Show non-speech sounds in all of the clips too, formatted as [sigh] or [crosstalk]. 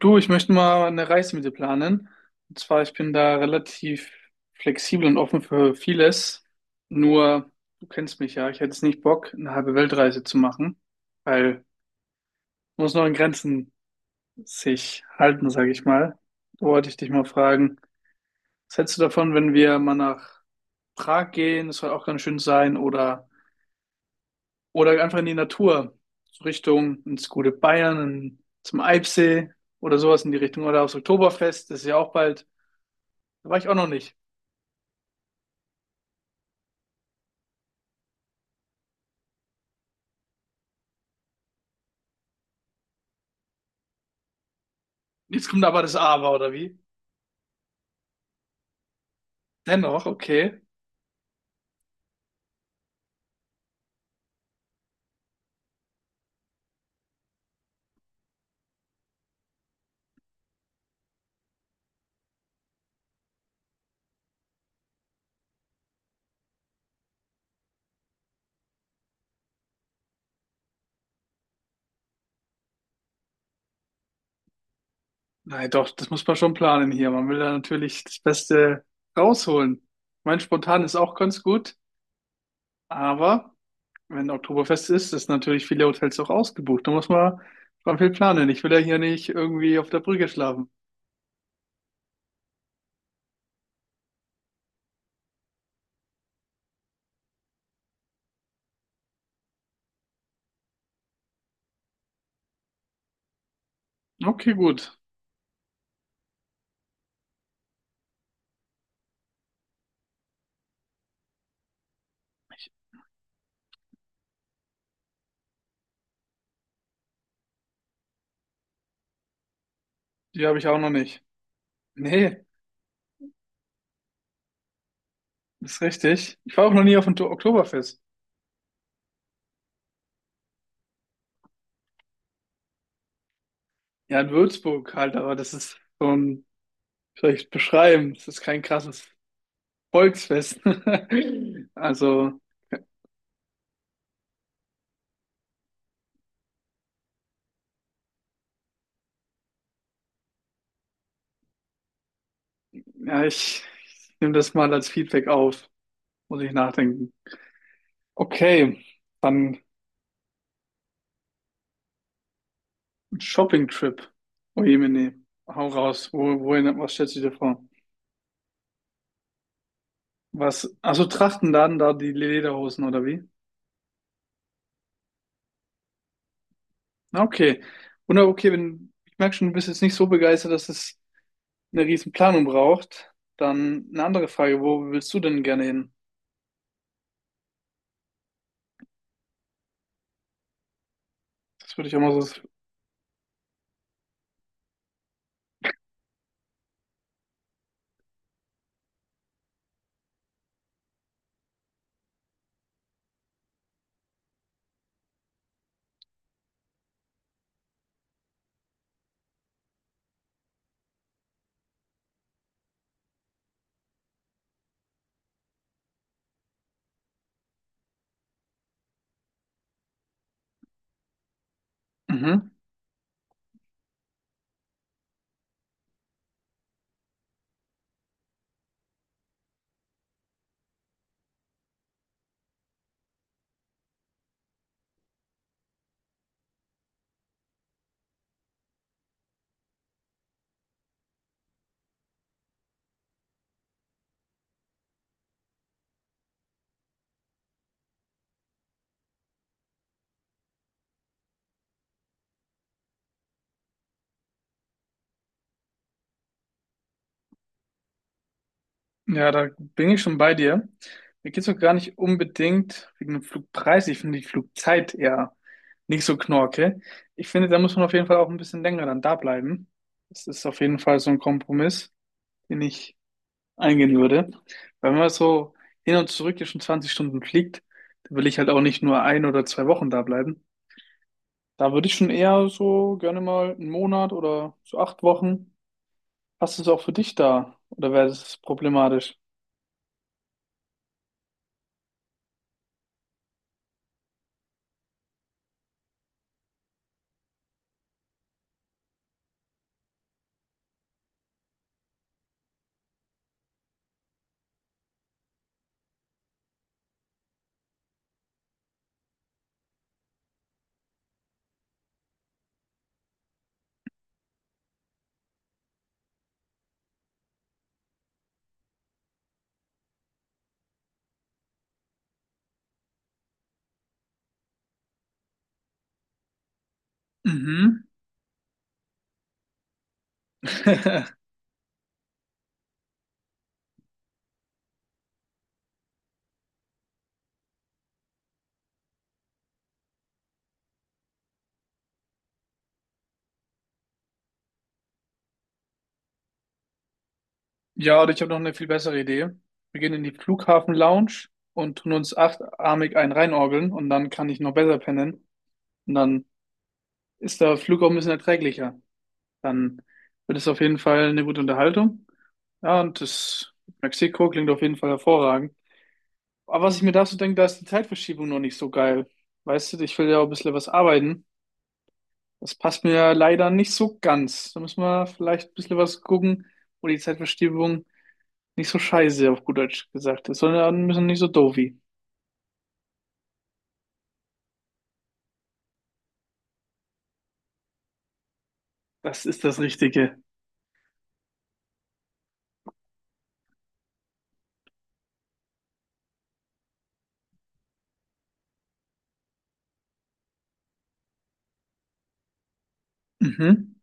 Du, ich möchte mal eine Reise mit dir planen. Und zwar, ich bin da relativ flexibel und offen für vieles. Nur, du kennst mich ja, ich hätte jetzt nicht Bock, eine halbe Weltreise zu machen, weil man muss noch in Grenzen sich halten, sage ich mal. Da wollte ich dich mal fragen, was hältst du davon, wenn wir mal nach Prag gehen? Das soll auch ganz schön sein. Oder einfach in die Natur, so Richtung ins gute Bayern, zum Eibsee oder sowas in die Richtung. Oder aufs Oktoberfest, das ist ja auch bald. Da war ich auch noch nicht. Jetzt kommt aber das Aber, oder wie? Dennoch, okay. Nein, doch, das muss man schon planen hier. Man will da natürlich das Beste rausholen. Mein Spontan ist auch ganz gut, aber wenn Oktoberfest ist, ist natürlich viele Hotels auch ausgebucht. Da muss man schon viel planen. Ich will ja hier nicht irgendwie auf der Brücke schlafen. Okay, gut. Die habe ich auch noch nicht. Nee, das ist richtig. Ich war auch noch nie auf dem Oktoberfest. Ja, in Würzburg halt, aber das ist so ein, vielleicht beschreiben. Das ist kein krasses Volksfest. [laughs] Also, ja, ich nehme das mal als Feedback auf. Muss ich nachdenken. Okay, dann Shopping-Trip. Oh je, meine. Hau raus. Wohin, was stellst du dir vor? Was? Also Trachten dann da die Lederhosen oder wie? Na, okay. Wunder, okay, wenn, ich merke schon, du bist jetzt nicht so begeistert, dass es eine riesen Planung braucht. Dann eine andere Frage. Wo willst du denn gerne hin? Das würde ich auch mal so. Mhm. Ja, da bin ich schon bei dir. Mir geht's auch gar nicht unbedingt wegen dem Flugpreis. Ich finde die Flugzeit eher nicht so knorke. Ich finde, da muss man auf jeden Fall auch ein bisschen länger dann da bleiben. Das ist auf jeden Fall so ein Kompromiss, den ich eingehen würde. Weil wenn man so hin und zurück ja schon 20 Stunden fliegt, dann will ich halt auch nicht nur 1 oder 2 Wochen da bleiben. Da würde ich schon eher so gerne mal einen Monat oder so 8 Wochen. Passt es auch für dich da? Oder wäre das problematisch? Mhm. [laughs] Ja, oder ich habe noch eine viel bessere Idee. Wir gehen in die Flughafen-Lounge und tun uns achtarmig einen reinorgeln und dann kann ich noch besser pennen. Und dann ist der Flug auch ein bisschen erträglicher. Dann wird es auf jeden Fall eine gute Unterhaltung. Ja, und das Mexiko klingt auf jeden Fall hervorragend. Aber was ich mir dazu denke, da ist die Zeitverschiebung noch nicht so geil. Weißt du, ich will ja auch ein bisschen was arbeiten. Das passt mir ja leider nicht so ganz. Da müssen wir vielleicht ein bisschen was gucken, wo die Zeitverschiebung nicht so scheiße, auf gut Deutsch gesagt. Es soll müssen nicht so doofi. Das ist das Richtige. Mhm.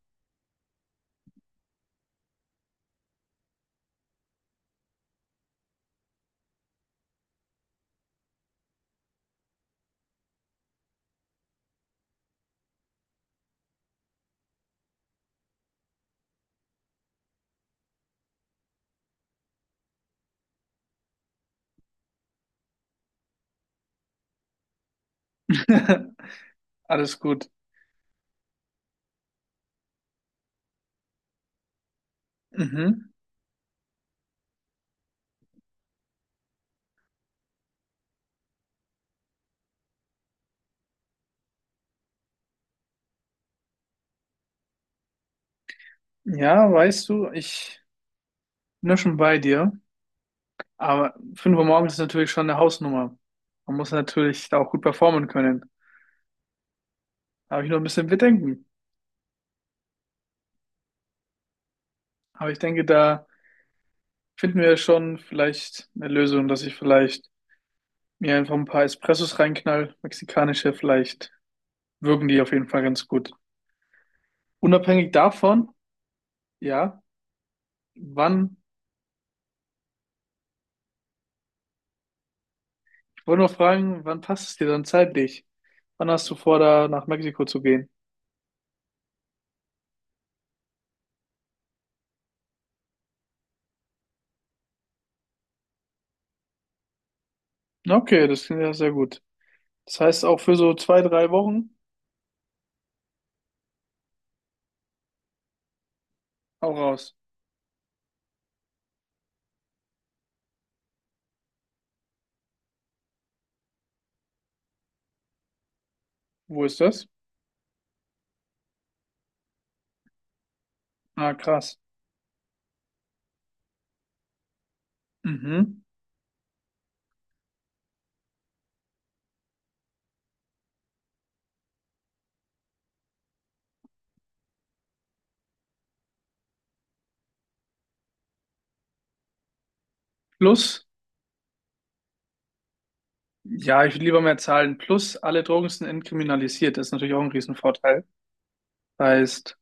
[laughs] Alles gut. Mhm. Ja, weißt du, ich bin ja schon bei dir. Aber 5 Uhr morgens ist natürlich schon eine Hausnummer. Man muss natürlich da auch gut performen können. Da habe ich noch ein bisschen Bedenken. Aber ich denke, da finden wir schon vielleicht eine Lösung, dass ich vielleicht mir einfach ein paar Espressos reinknall. Mexikanische, vielleicht wirken die auf jeden Fall ganz gut. Unabhängig davon, ja, wann. Ich wollte nur fragen, wann passt es dir dann zeitlich? Wann hast du vor, da nach Mexiko zu gehen? Okay, das klingt ja sehr gut. Das heißt auch für so 2, 3 Wochen auch raus. Wo ist das? Ah, krass. Mhm. Plus, ja, ich würde lieber mehr zahlen. Plus, alle Drogen sind entkriminalisiert. Das ist natürlich auch ein Riesenvorteil. Das heißt,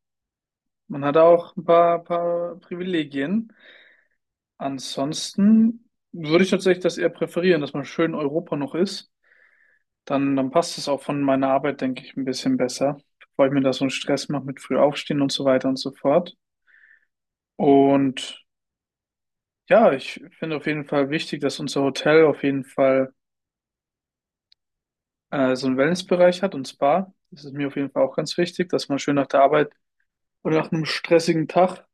man hat auch ein paar Privilegien. Ansonsten würde ich tatsächlich das eher präferieren, dass man schön in Europa noch ist. Dann passt es auch von meiner Arbeit, denke ich, ein bisschen besser, bevor ich mir da so einen Stress mache mit früh aufstehen und so weiter und so fort. Und ja, ich finde auf jeden Fall wichtig, dass unser Hotel auf jeden Fall so einen Wellnessbereich hat und Spa. Das ist mir auf jeden Fall auch ganz wichtig, dass man schön nach der Arbeit oder nach einem stressigen Tag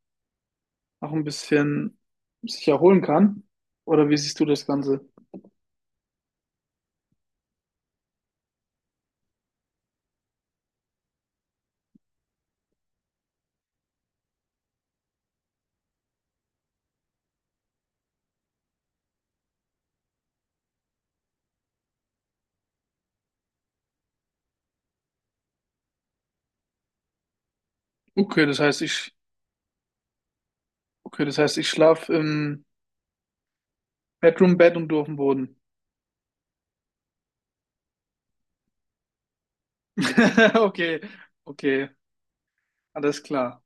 auch ein bisschen sich erholen kann. Oder wie siehst du das Ganze? Okay, das heißt, ich, okay, das heißt, ich schlafe im Bedroom-Bett und du auf dem Boden. [laughs] Okay, okay, alles klar.